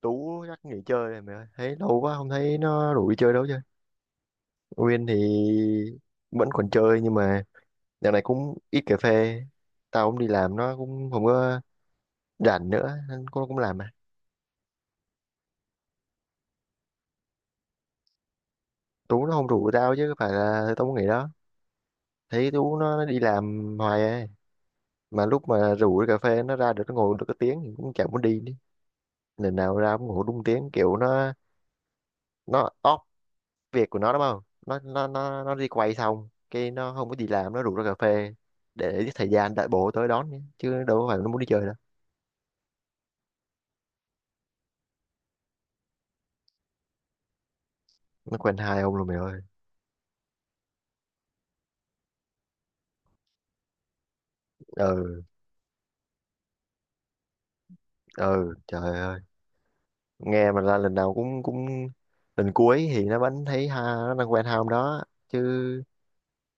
Tú chắc nghỉ chơi rồi mày ơi, thấy lâu quá không thấy nó rủ đi chơi đâu chứ nguyên thì vẫn còn chơi. Nhưng mà dạo này cũng ít cà phê, tao cũng đi làm, nó cũng không có rảnh nữa nên cũng cũng làm mà. Tú nó không rủ tao chứ có phải là tao muốn nghỉ đó. Thấy Tú nó đi làm hoài ấy. Mà lúc mà rủ đi cà phê nó ra được, nó ngồi được cái tiếng thì cũng chẳng muốn đi nữa. Lần nào ra cũng ngồi đúng tiếng kiểu nó off việc của nó đúng không, nó đi quay xong cái nó không có gì làm, nó rủ ra cà phê để giết thời gian đợi bố tới đón nhé. Chứ đâu có phải nó muốn đi chơi đâu. Nó quen hai ông luôn mày ơi. Ừ. Ừ, trời ơi, nghe mà là lần nào cũng cũng lần cuối thì nó vẫn thấy ha, nó đang quen hai ông đó chứ.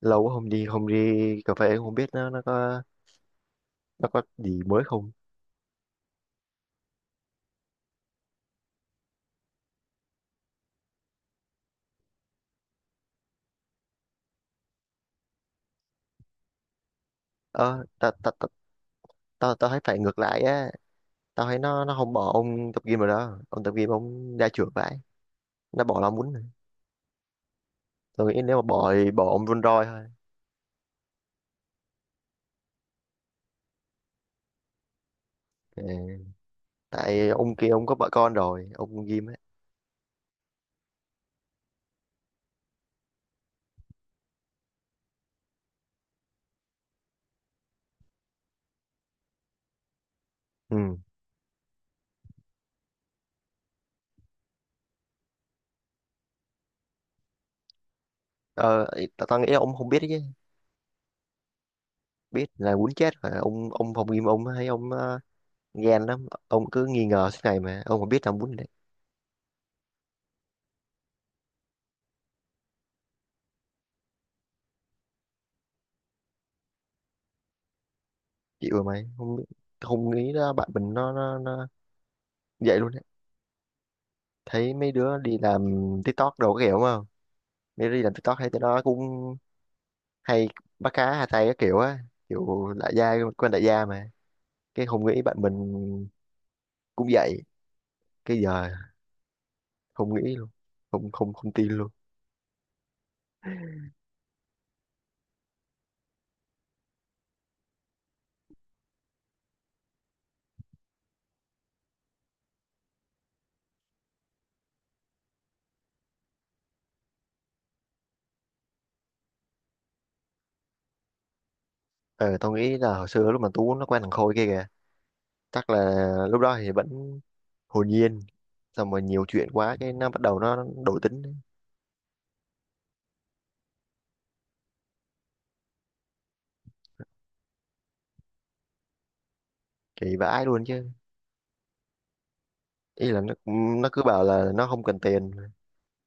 Lâu quá không đi, không đi cà phê cũng không biết nó có, nó có gì mới không. Tao tao tao thấy phải ngược lại á. Tao thấy nó không bỏ ông tập gym rồi đó, ông tập gym ông ra trưởng vậy, nó bỏ làm muốn. Tôi nghĩ nếu mà bỏ thì bỏ ông Vun Roy thôi. Ừ. Tại ông kia ông có vợ con rồi, ông Won Ghim ấy. Ừ. Tao tao nghĩ ông không biết chứ biết là muốn chết rồi. Ông phòng Ghim ông hay ông ghen lắm, ông cứ nghi ngờ suốt ngày mà ông không biết làm muốn đấy. Chịu rồi mày không biết. Không nghĩ là bạn mình nó vậy luôn đấy. Thấy mấy đứa đi làm TikTok đồ cái kiểu đúng không, mấy đứa đi làm TikTok thấy tụi nó cũng hay bắt cá hai tay cái kiểu á, kiểu đại gia quen đại gia mà. Cái không nghĩ bạn mình cũng vậy, cái giờ không nghĩ luôn, không không không tin luôn. Ờ, tao nghĩ là hồi xưa lúc mà Tú nó quen thằng Khôi kia kìa chắc là lúc đó thì vẫn hồn nhiên, xong rồi nhiều chuyện quá cái nó bắt đầu nó đổi tính đấy. Kỳ vãi luôn chứ. Ý là nó cứ bảo là nó không cần tiền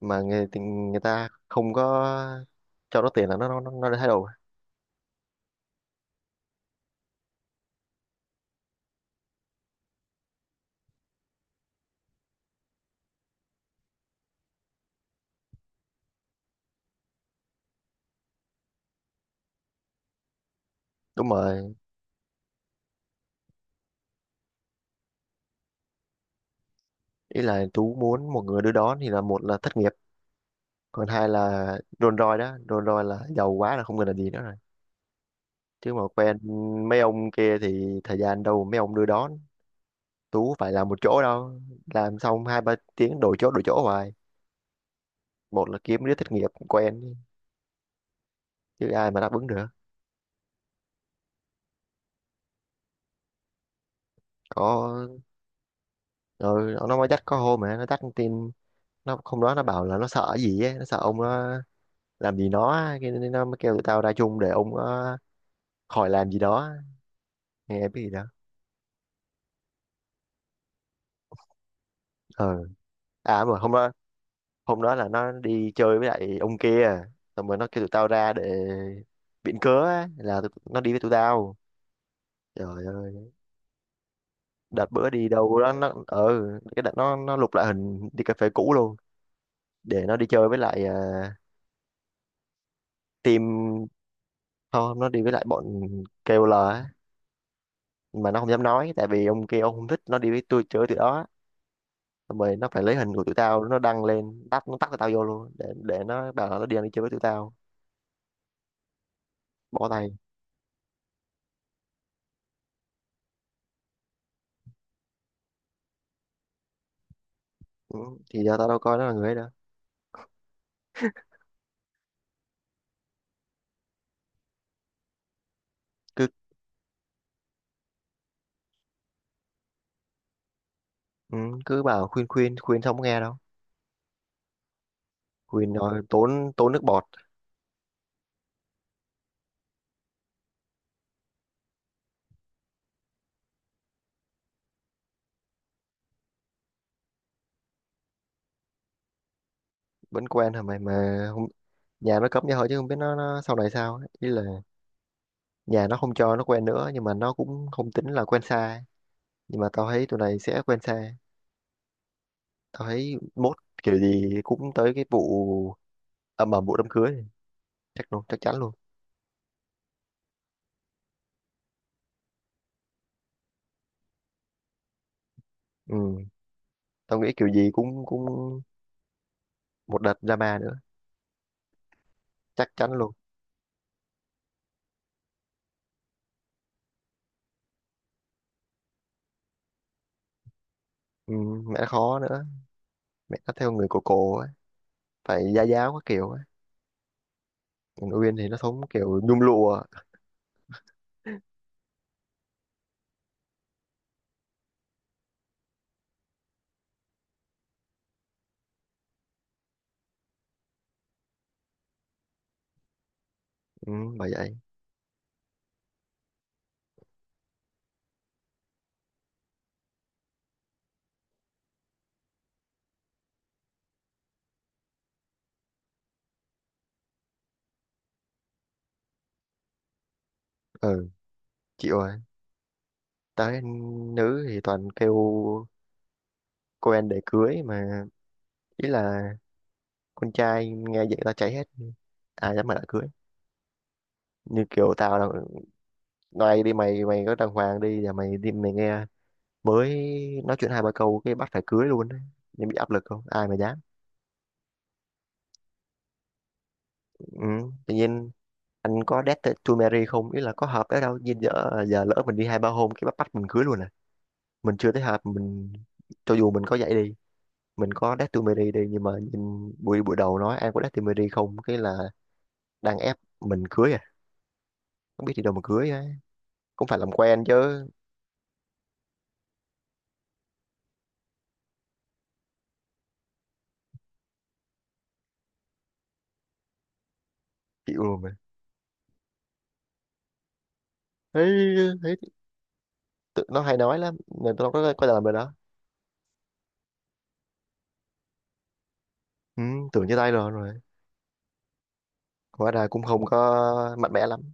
mà người thì người ta không có cho nó tiền là nó đã thay đổi. Đúng rồi. Ý là Tú muốn một người đưa đón thì là một là thất nghiệp, còn hai là đồn roi đó, đồn roi là giàu quá là không cần là gì nữa rồi. Chứ mà quen mấy ông kia thì thời gian đâu mà mấy ông đưa đón. Tú phải làm một chỗ đâu, làm xong hai ba tiếng đổi chỗ hoài, một là kiếm đứa thất nghiệp quen chứ ai mà đáp ứng được. Có, rồi nó mới dắt có hôm mà nó dắt tin. Nó không đó, nó bảo là nó sợ gì ấy, nó sợ ông nó làm gì nó á, cái nên nó mới kêu tụi tao ra chung để ông nó khỏi làm gì đó, nghe biết gì đó. Ờ. À mà hôm đó, hôm đó là nó đi chơi với lại ông kia, xong rồi nó kêu tụi tao ra để biện cớ á, là nó đi với tụi tao. Trời ơi. Đợt bữa đi đâu đó nó ừ. Cái đợt nó lục lại hình đi cà phê cũ luôn để nó đi chơi với lại team. Không, nó đi với lại bọn KOL á. Nhưng mà nó không dám nói tại vì ông kia ông không thích nó đi với tôi chơi tụi đó. Xong rồi nó phải lấy hình của tụi tao nó đăng lên, tắt, nó tắt tụi tao vô luôn để nó bảo là nó đi ăn đi chơi với tụi tao. Bỏ tay. Ừ. Thì giờ tao đâu coi nó là người ấy đâu. Ừ, cứ bảo khuyên khuyên khuyên không có nghe đâu, khuyên nói tốn tốn nước bọt. Vẫn quen hả mày, mà không, nhà nó cấm như hỏi chứ không biết nó sau này sao ấy. Ý là nhà nó không cho nó quen nữa nhưng mà nó cũng không tính là quen xa ấy. Nhưng mà tao thấy tụi này sẽ quen xa. Tao thấy mốt kiểu gì cũng tới cái vụ ầm ầm vụ đám cưới này. Chắc luôn, chắc chắn luôn. Ừ, tao nghĩ kiểu gì cũng cũng một đợt drama nữa. Chắc chắn luôn. Ừ, mẹ nó khó nữa. Mẹ nó theo người cổ cổ ấy, phải gia giáo các kiểu ấy. Còn Uyên thì nó sống kiểu nhung lụa. Ừ, bởi vậy. Ừ chịu rồi. Tới nữ thì toàn kêu cô anh để cưới mà. Ý là con trai nghe vậy tao cháy hết, ai dám mà đã cưới. Như kiểu tao là ngoài đi, mày mày có đàng hoàng đi là mày đi mày nghe, mới nói chuyện hai ba câu cái bắt phải cưới luôn đấy, nên bị áp lực không ai mà dám. Ừ, tự nhiên anh có date to marry không, ý là có hợp đấy đâu nhìn giờ, giờ lỡ mình đi hai ba hôm cái bắt bắt mình cưới luôn à. Mình chưa thấy hợp mình, cho dù mình có vậy đi, mình có Datumeri đi nhưng mà nhìn buổi buổi đầu nói ai có Datumeri không cái là đang ép mình cưới à, không biết đi đâu mà cưới á. Cũng phải làm quen chứ. Chịu rồi mà. Thấy, thấy tự, nó hay nói lắm, nên tôi có làm rồi đó. Ừ, tưởng như tay rồi rồi, hóa ra cũng không có mạnh mẽ lắm.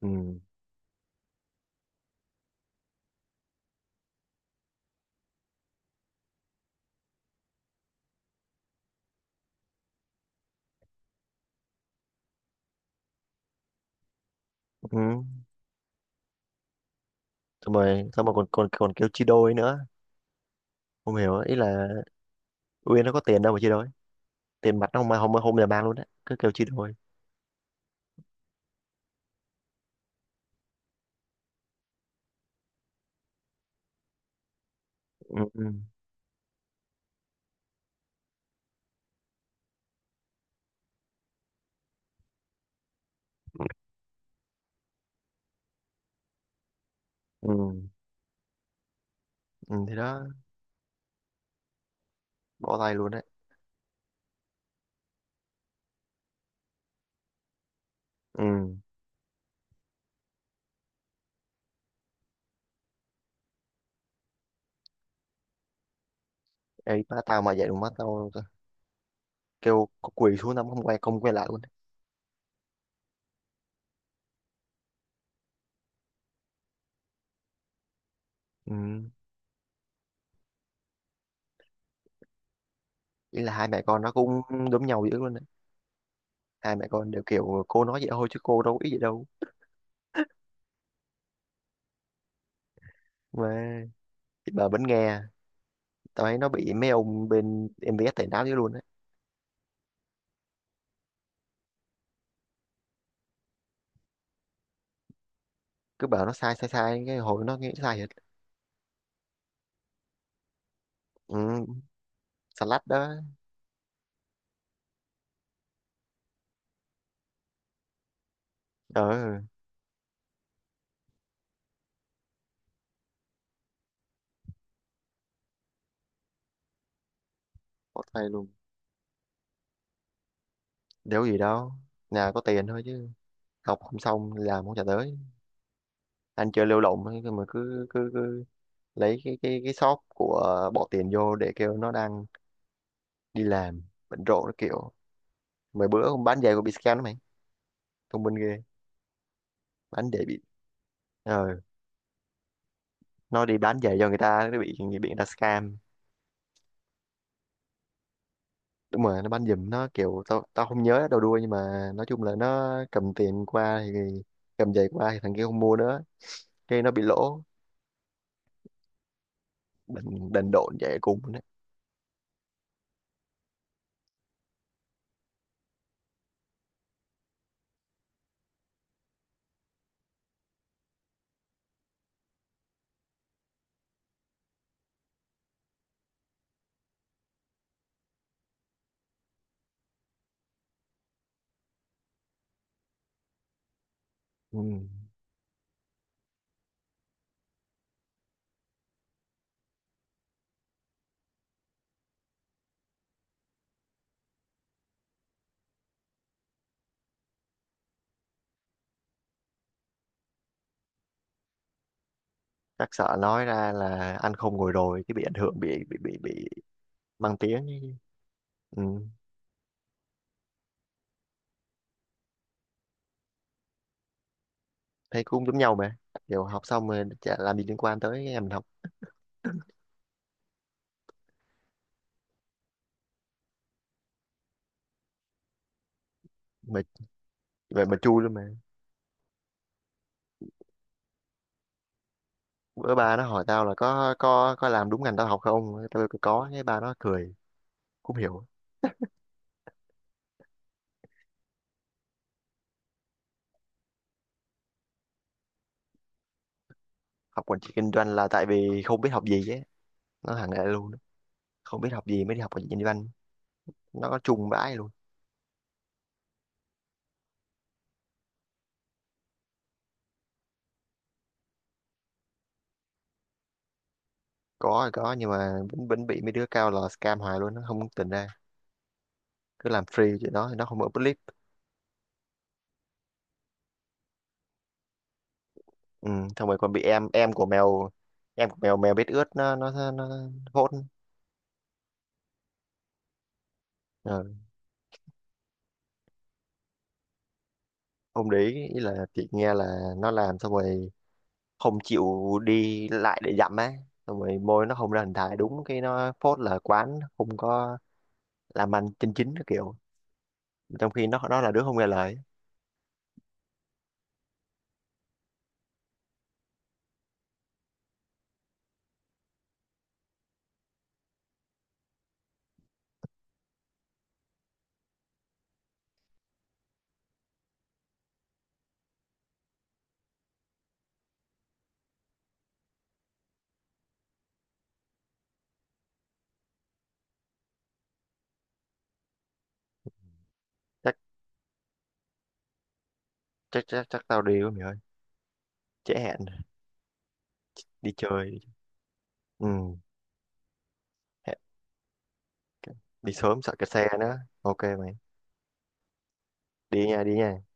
Ừ, ừ. Xong rồi, xong rồi còn còn còn kêu chia đôi nữa, không hiểu. Ý là Uyên nó có tiền đâu mà chia đôi, tiền mặt nó không không không là mang luôn á, cứ kêu chia đôi. Ừ, ừ, ừ, ừ, thì đó. Bỏ tay luôn đấy. Ừ. Ê, má tao mà vậy má tao kêu có quỳ xuống tao không quay, không quay lại luôn đấy. Ừ. Ý là hai mẹ con nó cũng đúng nhau dữ luôn đấy. Hai mẹ con đều kiểu cô nói vậy thôi chứ cô đâu có ý gì đâu mà, thì bà vẫn nghe. Tao thấy nó bị mấy ông bên MBS tẩy não dữ luôn đấy. Cứ bảo nó sai sai sai cái hồi nó nghĩ sai hết. Ừ. Salad đó. Ờ, có tay luôn. Đéo gì đâu, nhà có tiền thôi chứ, học không xong làm không trả tới, anh chơi lêu lổng ấy, mà cứ cứ, cứ lấy cái cái shop của bỏ tiền vô để kêu nó đăng đi làm bận rộn nó kiểu. Mấy bữa không bán giày của bị scam đó mày, thông minh ghê. Bán giày bị. Ờ, nó đi bán giày cho người ta nó bị người ta scam. Đúng rồi, nó bán giùm, nó kiểu tao, tao không nhớ đầu đuôi nhưng mà nói chung là nó cầm tiền qua thì, cầm giày qua thì thằng kia không mua nữa cái nó bị lỗ. Đần, đần độn vậy cùng đấy. Ừ. Chắc sợ nói ra là ăn không ngồi rồi cái bị ảnh hưởng, bị mang tiếng ấy. Ừ. Thấy cũng giống nhau mà, kiểu học xong rồi chả làm gì liên quan tới em học mà. Vậy mà chui luôn mà. Bữa ba nó hỏi tao là có có làm đúng ngành tao học không, tao kêu có cái ba nó cười, cũng hiểu. Học quản trị kinh doanh là tại vì không biết học gì ấy. Nó thẳng lại luôn đó. Không biết học gì mới đi học quản trị kinh doanh. Nó có chung vãi luôn. Có thì có nhưng mà vẫn vẫn bị mấy đứa cao là scam hoài luôn, nó không tỉnh ra. Cứ làm free chuyện đó thì nó không ở clip. Ừ, xong rồi còn bị em của mèo, em của mèo mèo biết ướt nó hốt. Ừ. Không để ý, ý là chị nghe là nó làm xong rồi không chịu đi lại để dặm á, xong rồi môi nó không ra hình hài đúng cái nó phốt là quán không có làm ăn chân chính cái kiểu, trong khi nó là đứa không nghe lời. Chắc, chắc tao đi quá mày ơi, trễ hẹn. Đi chơi. Ừ, hẹn. Đi sớm sợ kẹt xe nữa, ok mày. Đi nha, đi nha.